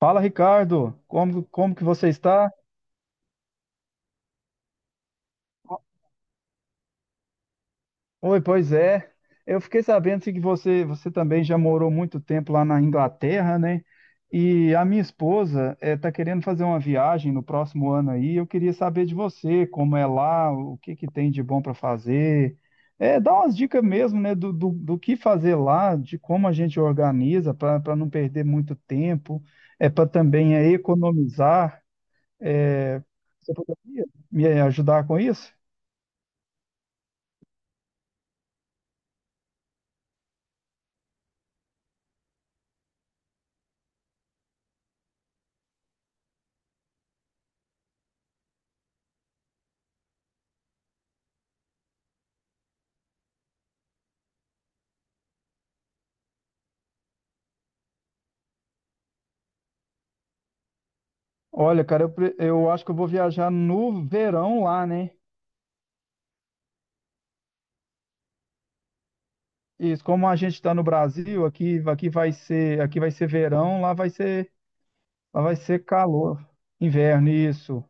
Fala, Ricardo, como que você está? Oi, pois é. Eu fiquei sabendo assim, que você também já morou muito tempo lá na Inglaterra, né? E a minha esposa está querendo fazer uma viagem no próximo ano aí. Eu queria saber de você, como é lá, o que que tem de bom para fazer. É, dá umas dicas mesmo, né, do que fazer lá, de como a gente organiza para não perder muito tempo, é para também é, economizar. É, Você poderia me ajudar com isso? Olha, cara, eu, eu acho que eu vou viajar no verão lá, né? Isso, como a gente está no Brasil, aqui, aqui vai ser verão, lá vai ser calor, inverno, isso.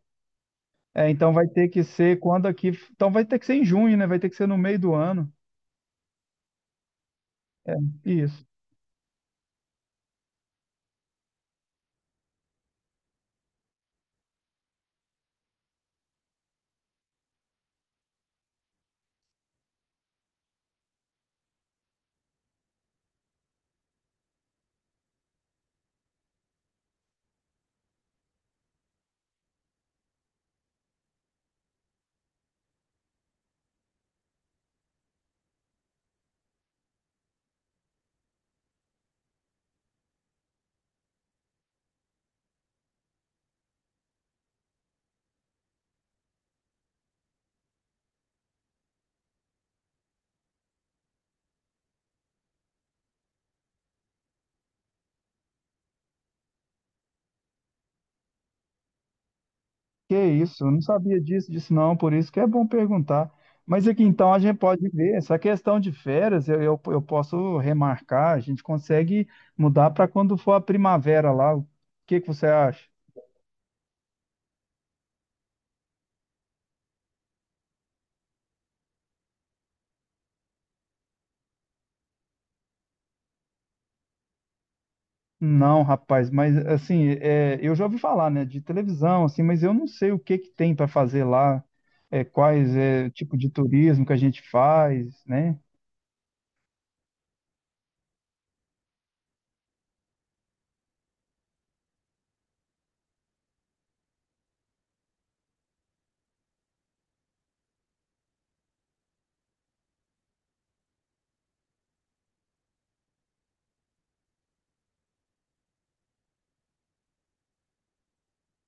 É, então vai ter que ser quando aqui, então vai ter que ser em junho, né? Vai ter que ser no meio do ano. Isso. Que isso, eu não sabia disso não, por isso que é bom perguntar. Mas aqui então a gente pode ver, essa questão de férias, eu posso remarcar, a gente consegue mudar para quando for a primavera lá. O que que você acha? Não, rapaz, mas assim, é, eu já ouvi falar, né, de televisão, assim, mas eu não sei o que que tem para fazer lá, é, quais é tipo de turismo que a gente faz, né?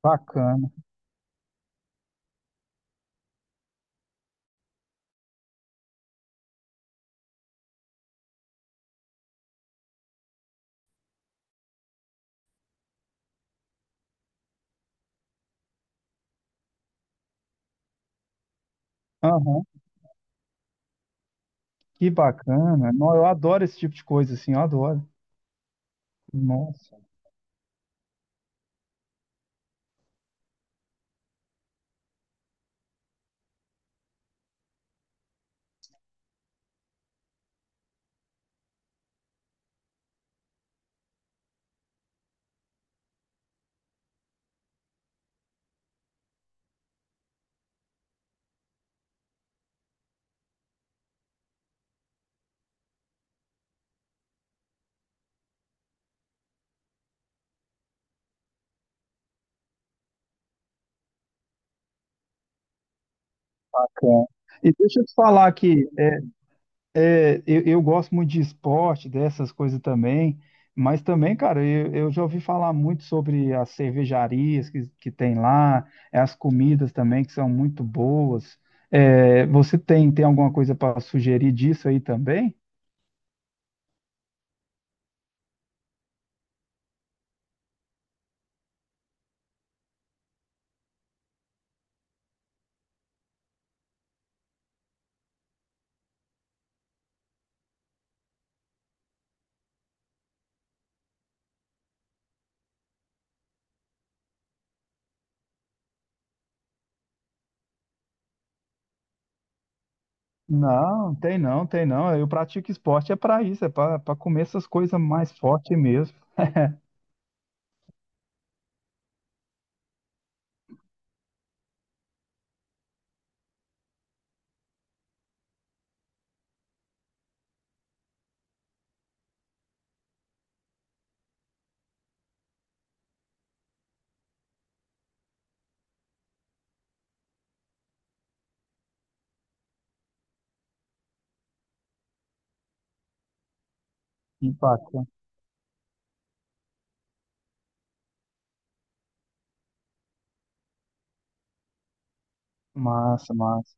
Bacana. Aham, que bacana. Não, eu adoro esse tipo de coisa, assim, eu adoro. Nossa, cara. E deixa eu te falar aqui. É, eu gosto muito de esporte, dessas coisas também, mas também, cara, eu já ouvi falar muito sobre as cervejarias que tem lá, é, as comidas também que são muito boas. É, você tem, tem alguma coisa para sugerir disso aí também? Não, tem não, tem não. Eu pratico esporte é para isso, é para comer essas coisas mais fortes mesmo. Impacta. Massa, massa.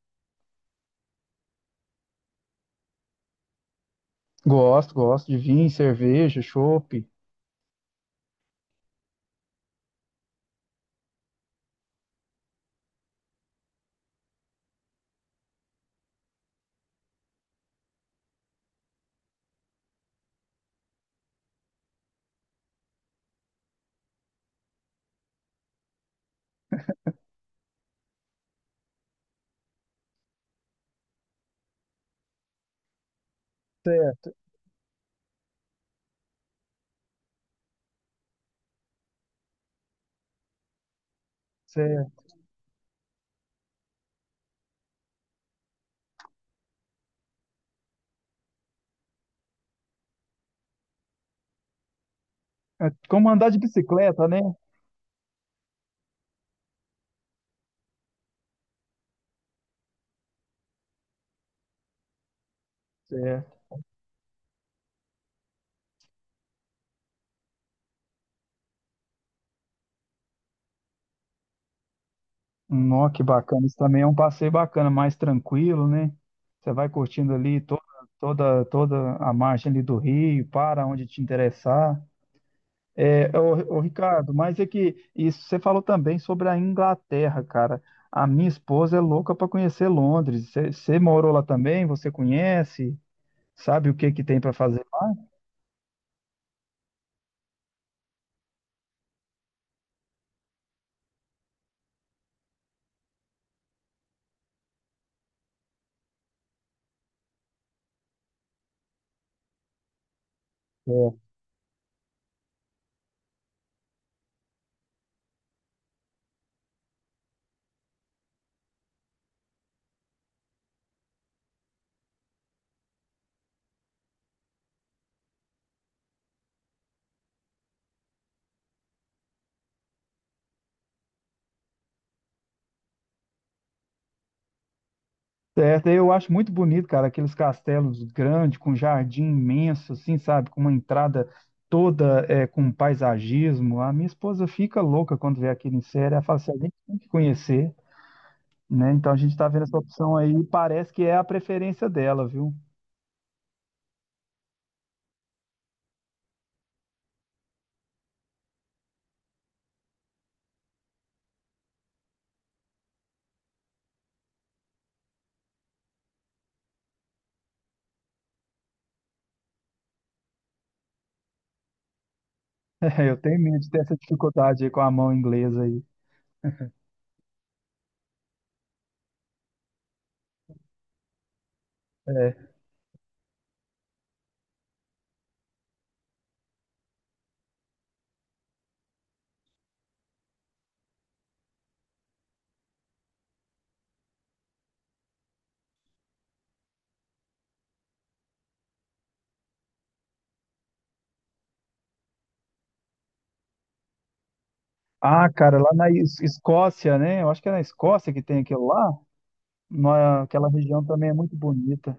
Gosto, gosto de vinho, cerveja, chopp. Certo, certo. É como andar de bicicleta, né? Certo. Nó, que bacana. Isso também é um passeio bacana, mais tranquilo, né? Você vai curtindo ali toda, toda a margem ali do rio, para onde te interessar. É, Ricardo, mas é que isso você falou também sobre a Inglaterra, cara. A minha esposa é louca para conhecer Londres. Você morou lá também? Você conhece? Sabe o que que tem para fazer lá? Certo, eu acho muito bonito, cara, aqueles castelos grandes, com jardim imenso, assim, sabe? Com uma entrada toda é, com paisagismo. A minha esposa fica louca quando vê aquilo em série. Ela fala assim, a gente tem que conhecer, né? Então a gente está vendo essa opção aí e parece que é a preferência dela, viu? É, eu tenho medo de ter essa dificuldade aí com a mão inglesa aí. É. Ah, cara, lá na Escócia, né? Eu acho que é na Escócia que tem aquilo lá. Aquela região também é muito bonita,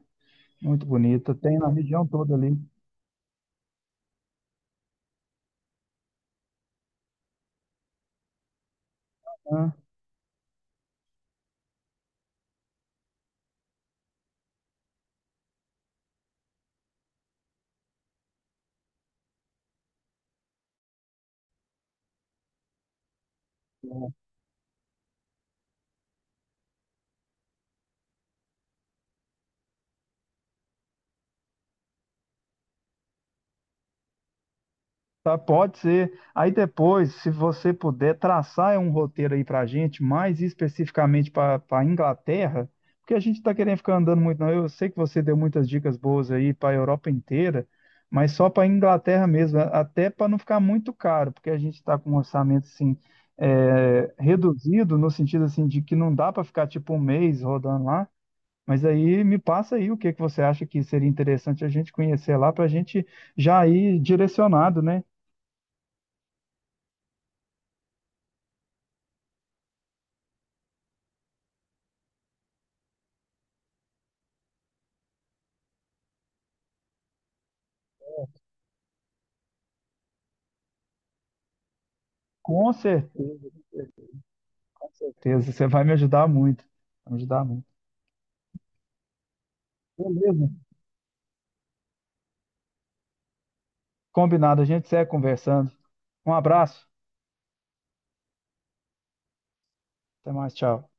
muito bonita. Tem na região toda ali. Né? Tá, pode ser. Aí depois, se você puder traçar um roteiro aí para a gente, mais especificamente para a Inglaterra, porque a gente está querendo ficar andando muito, não. Eu sei que você deu muitas dicas boas aí para a Europa inteira, mas só para a Inglaterra mesmo, até para não ficar muito caro, porque a gente está com um orçamento assim, é, reduzido, no sentido assim, de que não dá para ficar tipo um mês rodando lá. Mas aí me passa aí o que que você acha que seria interessante a gente conhecer lá para a gente já ir direcionado, né? Com certeza, com certeza. Você vai me ajudar muito. Vai me ajudar muito. Beleza. Combinado, a gente segue conversando. Um abraço. Até mais, tchau.